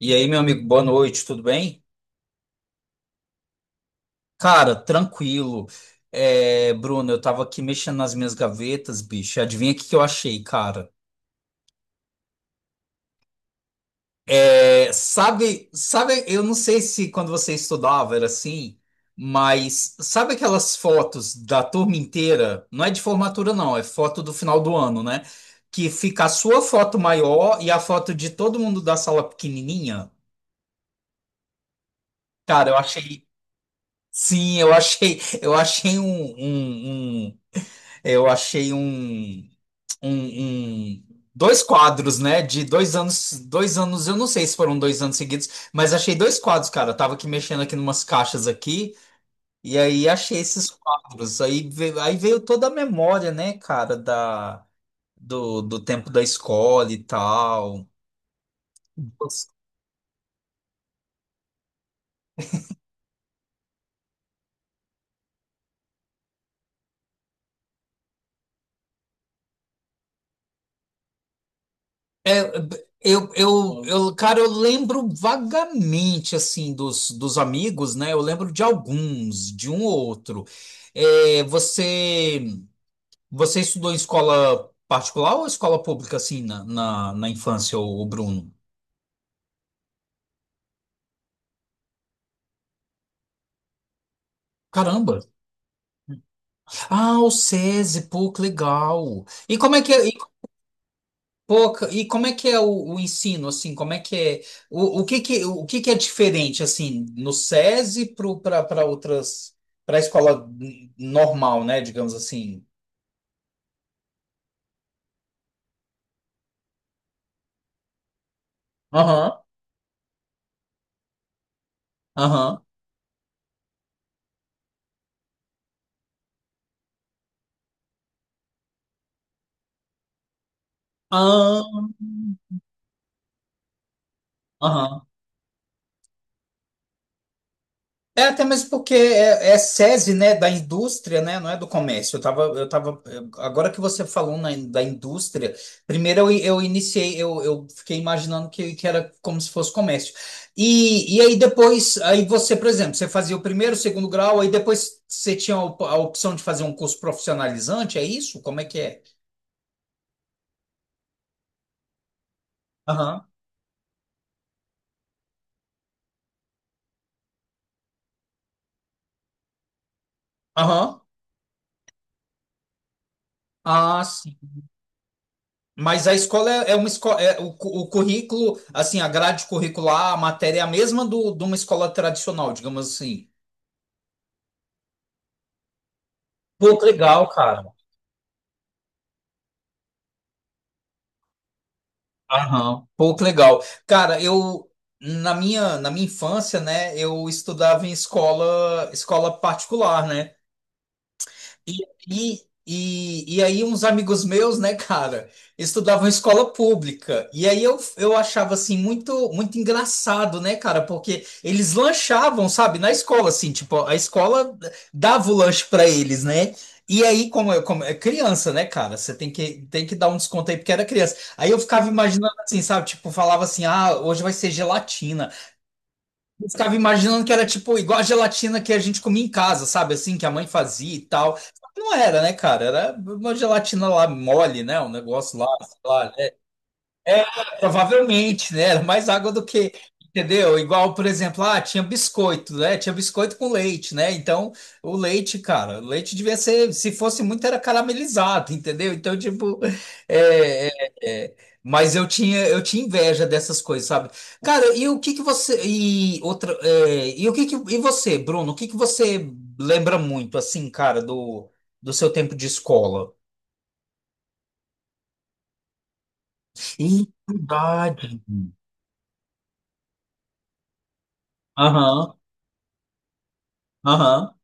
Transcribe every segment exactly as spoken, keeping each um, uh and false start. E aí, meu amigo, boa noite, tudo bem? Cara, tranquilo. É, Bruno, eu tava aqui mexendo nas minhas gavetas, bicho. Adivinha o que que eu achei, cara? É, sabe, sabe, eu não sei se quando você estudava era assim, mas sabe aquelas fotos da turma inteira? Não é de formatura, não, é foto do final do ano, né? Que fica a sua foto maior e a foto de todo mundo da sala pequenininha. Cara, eu achei. Sim, eu achei, eu achei um, um, um Eu achei um, um, um- dois quadros, né? De dois anos, dois anos, eu não sei se foram dois anos seguidos, mas achei dois quadros, cara. Eu tava aqui mexendo aqui numas caixas aqui, e aí achei esses quadros. Aí veio, aí veio toda a memória, né, cara, da, do, do tempo da escola e tal. É, eu, eu, eu, cara, eu lembro vagamente, assim, dos, dos amigos, né? Eu lembro de alguns, de um ou outro. É, você, você estudou em escola particular ou escola pública, assim, na, na, na infância, o, Bruno? Caramba! Ah, o SESI, pô, que legal! E como é que, é? Pô, ca- e como é que é o, o ensino, assim, como é que é, o, o que que, o que que é diferente, assim, no SESI para outras, para a escola n- normal, né, digamos assim? Aham, aham, ah aham. É até mesmo porque é, é SESI, né, da indústria, né, não é do comércio. Eu tava, eu tava, agora que você falou na, da indústria, primeiro eu, eu iniciei, eu, eu fiquei imaginando que, que era como se fosse comércio. E, e aí depois, aí você, por exemplo, você fazia o primeiro, o segundo grau, aí depois você tinha a op- a opção de fazer um curso profissionalizante, é isso? Como é que é? Aham, aham. Ah, sim. Mas a escola é, é uma escola, é, o, cu- o currículo, assim, a grade curricular, a matéria é a mesma do, de uma escola tradicional, digamos assim. Pô, que legal, cara. Aham. Pô, que legal. Cara, eu na minha, na minha infância, né, eu estudava em escola, escola particular, né? E, e, e, e aí uns amigos meus, né, cara, estudavam em escola pública. E aí eu, eu achava, assim, muito, muito engraçado, né, cara, porque eles lanchavam, sabe, na escola, assim, tipo, a escola dava o lanche pra eles, né? E aí, como, eu- como é criança, né, cara? Você tem que, tem que dar um desconto aí, porque era criança. Aí eu ficava imaginando assim, sabe? Tipo, falava assim: ah, hoje vai ser gelatina. Eu ficava imaginando que era tipo igual a gelatina que a gente comia em casa, sabe? Assim, que a mãe fazia e tal. Não era, né, cara? Era uma gelatina lá mole, né? Um negócio lá, sei lá, é, provavelmente, né? Era mais água do que, entendeu? Igual, por exemplo, ah, tinha biscoito, né? Tinha biscoito com leite, né? Então, o leite, cara, o leite devia ser, se fosse muito, era caramelizado, entendeu? Então, tipo, é, é, é, mas eu tinha, eu tinha inveja dessas coisas, sabe? Cara, e o que que você e outra, é, e o que que e você, Bruno, o que que você lembra muito assim, cara, do do seu tempo de escola? Ih, verdade. Aham, aham.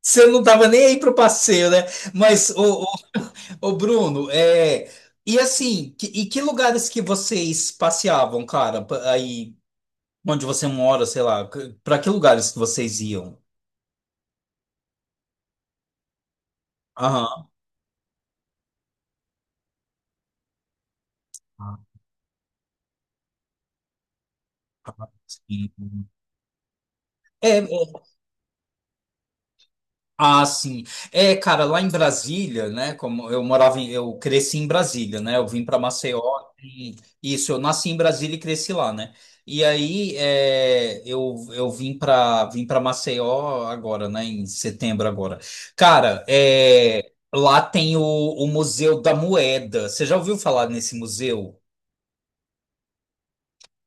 Você não tava nem aí pro passeio, né? Mas, ô, ô, ô, Bruno, é... E assim, que- e que lugares que vocês passeavam, cara? Pa- Aí, onde você mora, sei lá. c- Pra que lugares que vocês iam? Aham. Ah, tá, sim. É, Ah, sim. É, cara, lá em Brasília, né? Como eu morava em, eu cresci em Brasília, né? Eu vim para Maceió. e- isso, eu nasci em Brasília e cresci lá, né? E aí é, eu, eu vim para vim para Maceió agora, né? Em setembro agora. Cara, é, lá tem o, o Museu da Moeda. Você já ouviu falar nesse museu?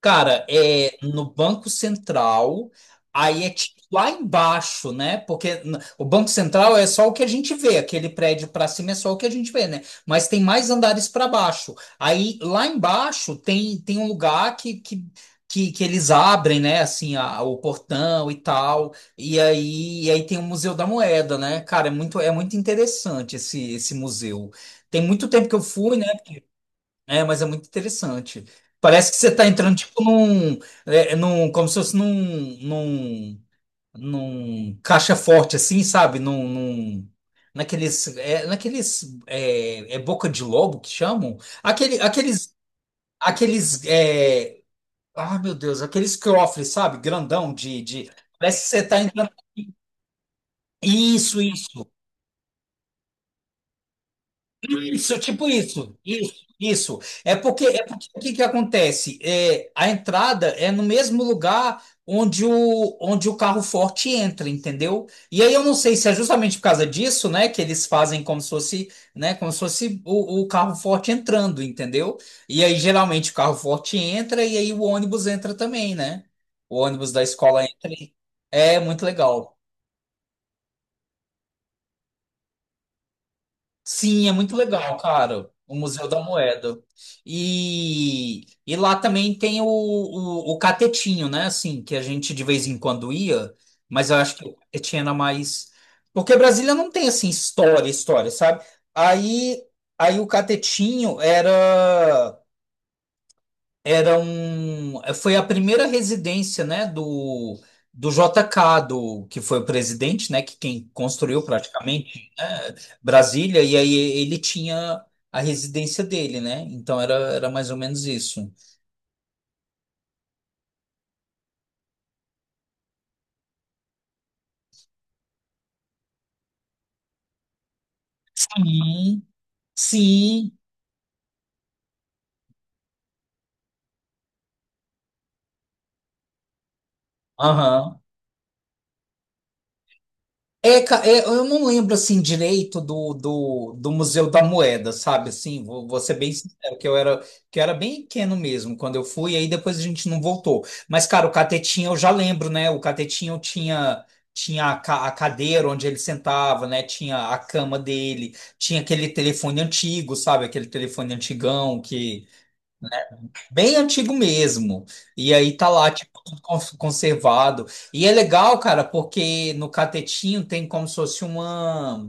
Cara, é no Banco Central, aí é tipo lá embaixo, né? Porque n- o Banco Central é só o que a gente vê, aquele prédio para cima é só o que a gente vê, né? Mas tem mais andares para baixo. Aí lá embaixo tem, tem um lugar que, que, que, que eles abrem, né? Assim, a- o portão e tal. E aí, e aí tem o Museu da Moeda, né? Cara, é muito, é muito interessante esse, esse museu. Tem muito tempo que eu fui, né? É, mas é muito interessante. Parece que você está entrando tipo num, é, num, como se fosse num, num, num caixa forte assim, sabe? Num, num- naqueles, é, naqueles, é, é boca de lobo que chamam? Aquele, aqueles, aqueles, é, ah, meu Deus, aqueles cofres, sabe? Grandão de, de, parece que você está entrando. Isso, isso. Isso, é tipo isso, isso, isso. É porque, é porque o que que acontece? É, a entrada é no mesmo lugar onde o, onde o carro forte entra, entendeu? E aí eu não sei se é justamente por causa disso, né, que eles fazem como se fosse, né, como se fosse o, o carro forte entrando, entendeu? E aí geralmente o carro forte entra e aí o ônibus entra também, né? O ônibus da escola entra. e- É muito legal. Sim, é muito legal, cara. O Museu da Moeda. E, e lá também tem o, o, o catetinho, né? Assim, que a gente de vez em quando ia, mas eu acho que o catetinho era mais. Porque Brasília não tem, assim, história, história, sabe? Aí, aí o catetinho era, era um. Foi a primeira residência, né? Do, do J K, do, que foi o presidente, né? Que quem construiu praticamente. Brasília, e aí ele tinha a residência dele, né? Então era, era mais ou menos isso. Sim, sim, aham. É, ca- é, eu não lembro assim direito do, do, do Museu da Moeda, sabe? Assim, vou, vou ser bem sincero, que eu era, que eu era bem pequeno mesmo quando eu fui, aí depois a gente não voltou. Mas, cara, o Catetinha eu já lembro, né? O Catetinha tinha, tinha a, ca- a cadeira onde ele sentava, né? Tinha a cama dele, tinha aquele telefone antigo, sabe? Aquele telefone antigão que, bem antigo mesmo. E aí tá lá, tipo, tudo con- conservado. E é legal, cara, porque no catetinho tem como se fosse uma,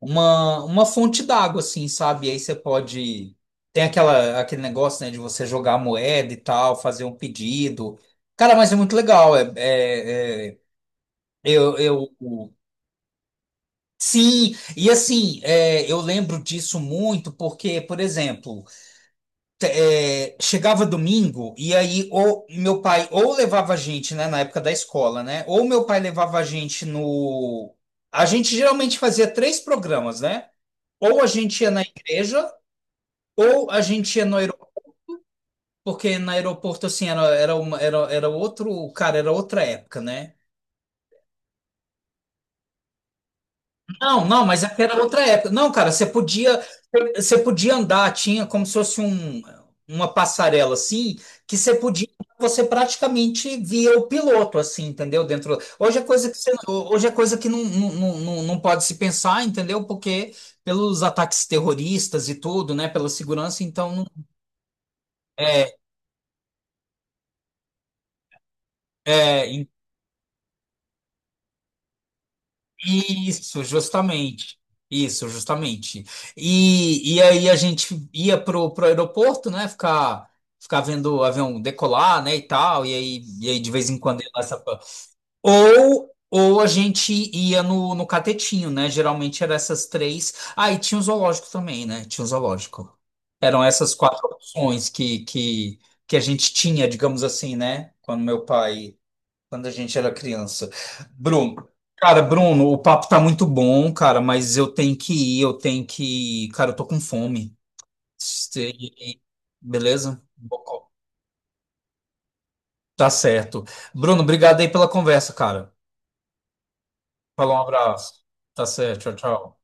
uma, uma fonte d'água, assim, sabe? E aí você pode. Tem aquela, aquele negócio, né, de você jogar a moeda e tal, fazer um pedido. Cara, mas é muito legal. É, é- é- eu, eu, sim, e assim, é, eu lembro disso muito porque, por exemplo. É, chegava domingo e aí ou meu pai ou levava a gente, né, na época da escola, né? Ou meu pai levava a gente no. A gente geralmente fazia três programas, né? Ou a gente ia na igreja, ou a gente ia no aeroporto, porque no aeroporto assim era era uma, era, era outro, cara, era outra época, né? Não, não, mas é que era outra época. Não, cara, você podia, você podia andar, tinha como se fosse um, uma passarela assim, que você podia, você praticamente via o piloto assim, entendeu? Dentro. Hoje é coisa que você, hoje é coisa que não, não, não, não não pode se pensar, entendeu? Porque pelos ataques terroristas e tudo, né, pela segurança, então é, é, isso, justamente. Isso, justamente. E, e aí a gente ia pro, pro aeroporto, né? Ficar, ficar vendo o avião decolar, né? E tal. E aí, e aí de vez em quando ia lá essa. Ou, ou a gente ia no, no catetinho, né? Geralmente eram essas três. Ah, e tinha o zoológico também, né? Tinha o zoológico. Eram essas quatro opções que, que, que a gente tinha, digamos assim, né? Quando meu pai quando a gente era criança. Bruno, cara, Bruno, o papo tá muito bom, cara, mas eu tenho que ir, eu tenho que ir. Cara, eu tô com fome. Se- Beleza? Bocó. Tá certo. Bruno, obrigado aí pela conversa, cara. Falou, um abraço. Tá certo, tchau, tchau.